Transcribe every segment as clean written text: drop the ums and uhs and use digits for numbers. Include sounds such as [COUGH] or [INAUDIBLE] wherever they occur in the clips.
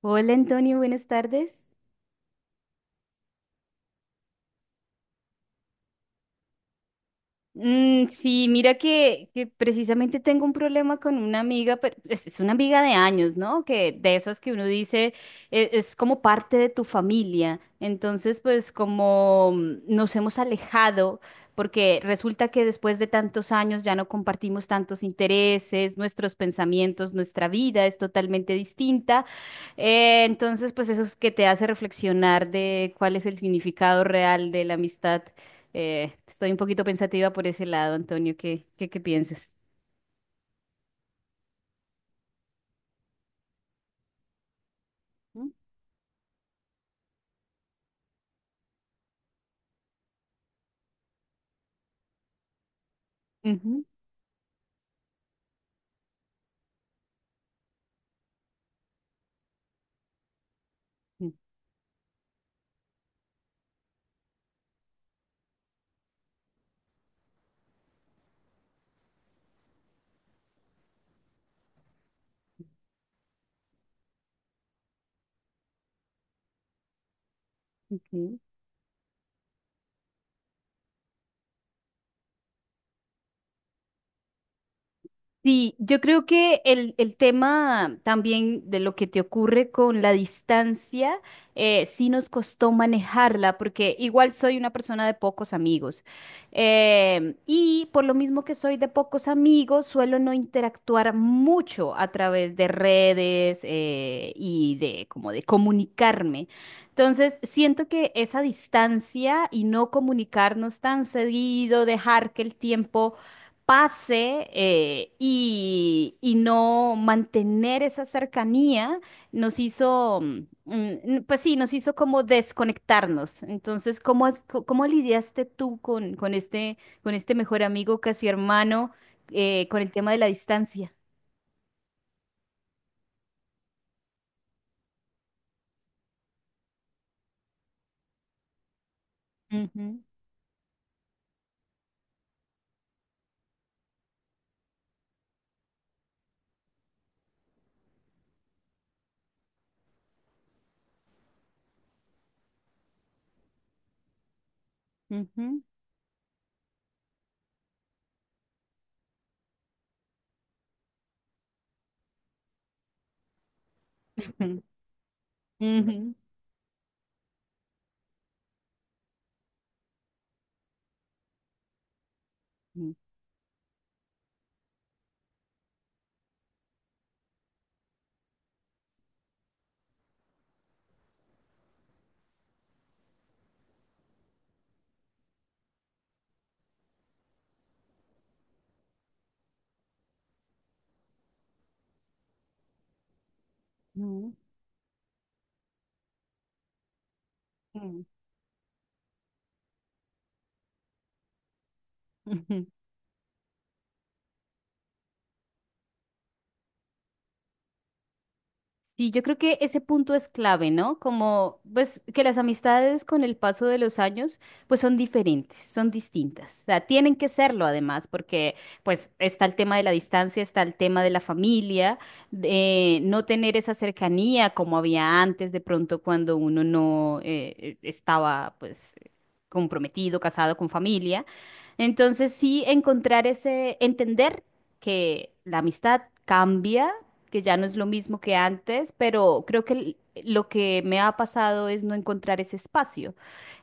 Hola Antonio, buenas tardes. Sí, mira que precisamente tengo un problema con una amiga, pero es una amiga de años, ¿no? Que de esas que uno dice es como parte de tu familia. Entonces, pues como nos hemos alejado, porque resulta que después de tantos años ya no compartimos tantos intereses, nuestros pensamientos, nuestra vida es totalmente distinta. Entonces, pues eso es que te hace reflexionar de cuál es el significado real de la amistad. Estoy un poquito pensativa por ese lado, Antonio. ¿Qué piensas? ¿Mm? Ujú, ujú. Sí, yo creo que el tema también de lo que te ocurre con la distancia, sí nos costó manejarla, porque igual soy una persona de pocos amigos. Y por lo mismo que soy de pocos amigos, suelo no interactuar mucho a través de redes, y de como de comunicarme. Entonces, siento que esa distancia y no comunicarnos tan seguido, dejar que el tiempo pase y no mantener esa cercanía nos hizo, pues sí, nos hizo como desconectarnos. Entonces, ¿cómo, cómo lidiaste tú con este mejor amigo, casi hermano, con el tema de la distancia? Ujú, ujú, [LAUGHS] ujú, ujú, ujú, ujú, ujú. Sí, yo creo que ese punto es clave, ¿no? Como, pues, que las amistades con el paso de los años, pues son diferentes, son distintas. O sea, tienen que serlo además, porque, pues, está el tema de la distancia, está el tema de la familia, de no tener esa cercanía como había antes, de pronto cuando uno no estaba, pues, comprometido, casado con familia. Entonces, sí, encontrar ese, entender que la amistad cambia, que ya no es lo mismo que antes, pero creo que lo que me ha pasado es no encontrar ese espacio.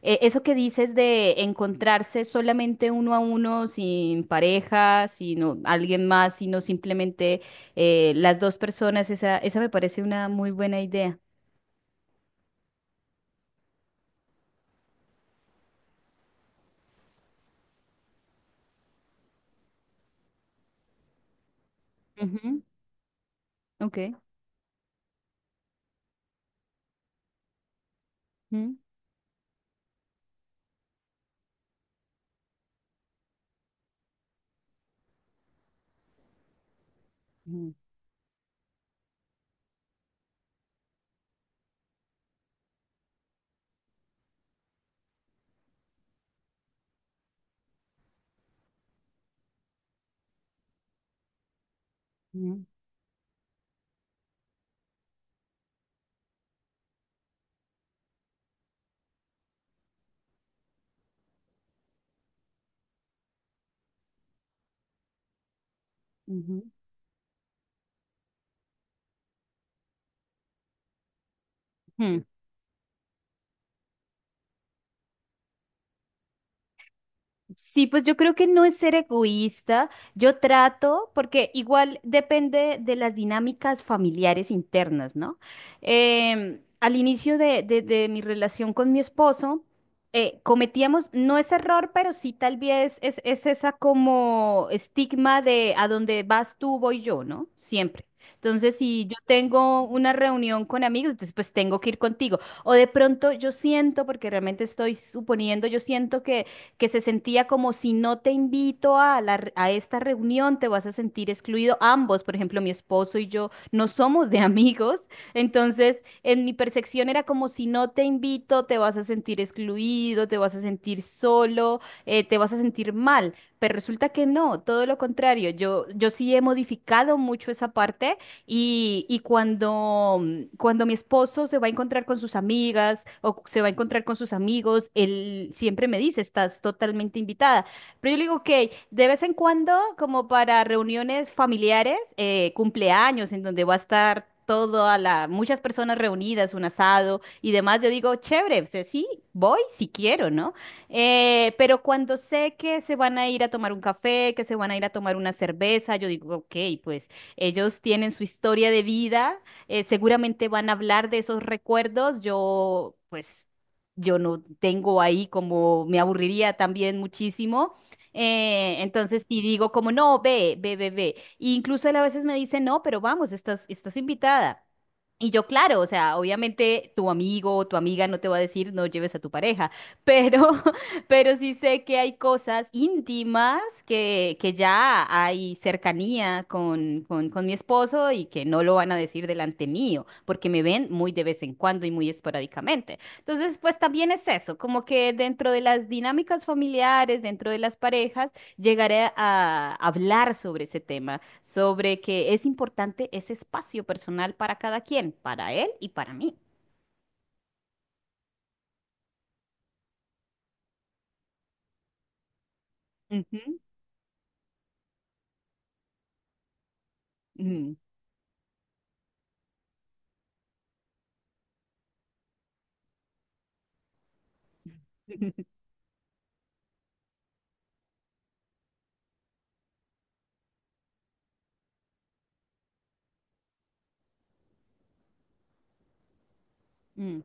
Eso que dices de encontrarse solamente uno a uno, sin pareja, sino alguien más, sino simplemente las dos personas, esa me parece una muy buena idea. Ujú, ok. Ujú, ujú, ujú, ujú. Sí, pues yo creo que no es ser egoísta. Yo trato, porque igual depende de las dinámicas familiares internas, ¿no? Al inicio de mi relación con mi esposo, cometíamos, no es error, pero sí tal vez es esa como estigma de a donde vas tú, voy yo, ¿no? Siempre. Entonces, si yo tengo una reunión con amigos, entonces, pues tengo que ir contigo. O de pronto yo siento, porque realmente estoy suponiendo, yo siento que se sentía como si no te invito a a esta reunión, te vas a sentir excluido. Ambos, por ejemplo, mi esposo y yo, no somos de [LAUGHS] amigos, entonces en mi percepción era como si no te invito, te vas a sentir excluido, te vas a sentir solo, te vas a sentir mal. Pero resulta que no, todo lo contrario. Yo sí he modificado mucho esa parte y cuando, cuando mi esposo se va a encontrar con sus amigas o se va a encontrar con sus amigos, él siempre me dice, estás totalmente invitada. Pero yo le digo, ok, de vez en cuando, como para reuniones familiares, cumpleaños, en donde va a estar toda la, muchas personas reunidas, un asado y demás, yo digo, chévere, o sea, sí, voy si quiero, ¿no? Pero cuando sé que se van a ir a tomar un café, que se van a ir a tomar una cerveza, yo digo, ok, pues ellos tienen su historia de vida, seguramente van a hablar de esos recuerdos. Yo, pues, yo no tengo ahí como me aburriría también muchísimo. Entonces, sí digo como, no, ve, ve, ve, ve. E incluso él a veces me dice, no, pero vamos, estás invitada. Y yo, claro, o sea, obviamente tu amigo o tu amiga no te va a decir no lleves a tu pareja, [LAUGHS] pero pero sí sé que hay cosas íntimas que ya hay cercanía con mi esposo y que no lo van a decir delante mío, porque me ven muy de vez en cuando y muy esporádicamente. Entonces, pues también es eso, como que dentro de las dinámicas familiares, dentro de las parejas, llegaré a hablar sobre ese tema, sobre que es importante ese espacio personal para cada quien, para él y para mí. Ujú. Mm. [LAUGHS] Mm.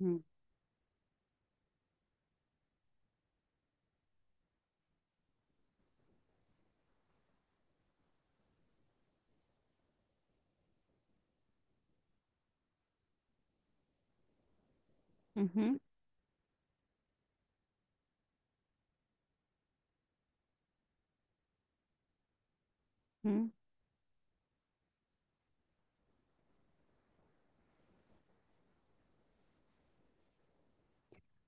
Mm. Ujú. Ujú.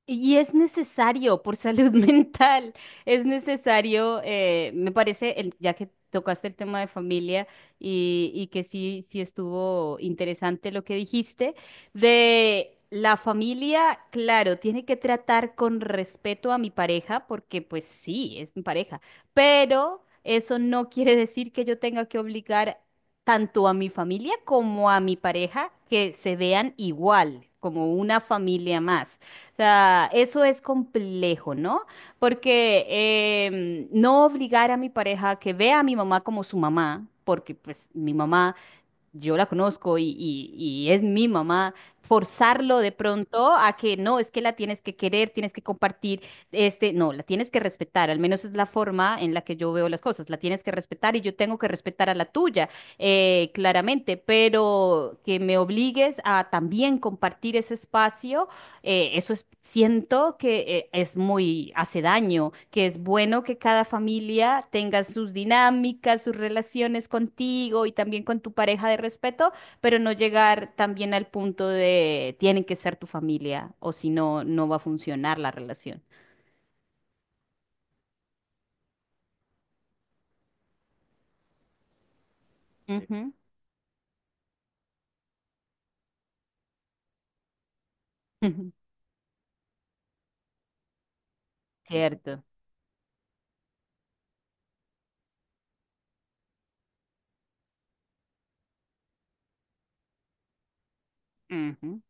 Y es necesario por salud [LAUGHS] mental, es necesario, me parece, ya que tocaste el tema de familia y que sí, sí estuvo interesante lo que dijiste, de la familia, claro, tiene que tratar con respeto a mi pareja, porque pues sí, es mi pareja, pero eso no quiere decir que yo tenga que obligar tanto a mi familia como a mi pareja que se vean igual, como una familia más sea, eso es complejo, ¿no? Porque no obligar a mi pareja a que vea a mi mamá como su mamá, porque pues mi mamá, yo la conozco y, y es mi mamá, forzarlo de pronto a que no, es que la tienes que querer, tienes que compartir, este, no, la tienes que respetar, al menos es la forma en la que yo veo las cosas, la tienes que respetar y yo tengo que respetar a la tuya, claramente, pero que me obligues a también compartir ese espacio eso es, siento que es muy, hace daño, que es bueno que cada familia tenga sus dinámicas, sus relaciones contigo y también con tu pareja de respeto, pero no llegar también al punto de tienen que ser tu familia o si no, no va a funcionar la relación. Ujú, ujú, cierto. Ujú,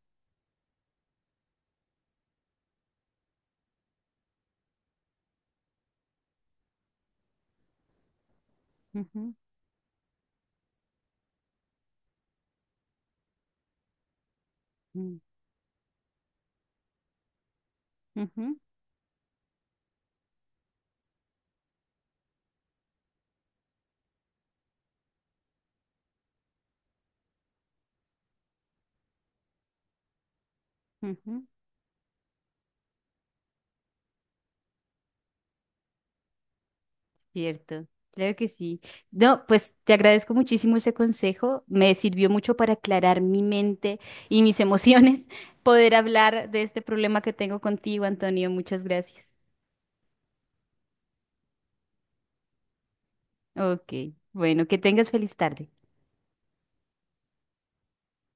ujú, ujú, ujú, ujú. Cierto, claro que sí. No, pues te agradezco muchísimo ese consejo. Me sirvió mucho para aclarar mi mente y mis emociones, [LAUGHS] poder hablar de este problema que tengo contigo, Antonio. Muchas gracias. Ok, bueno, que tengas feliz tarde.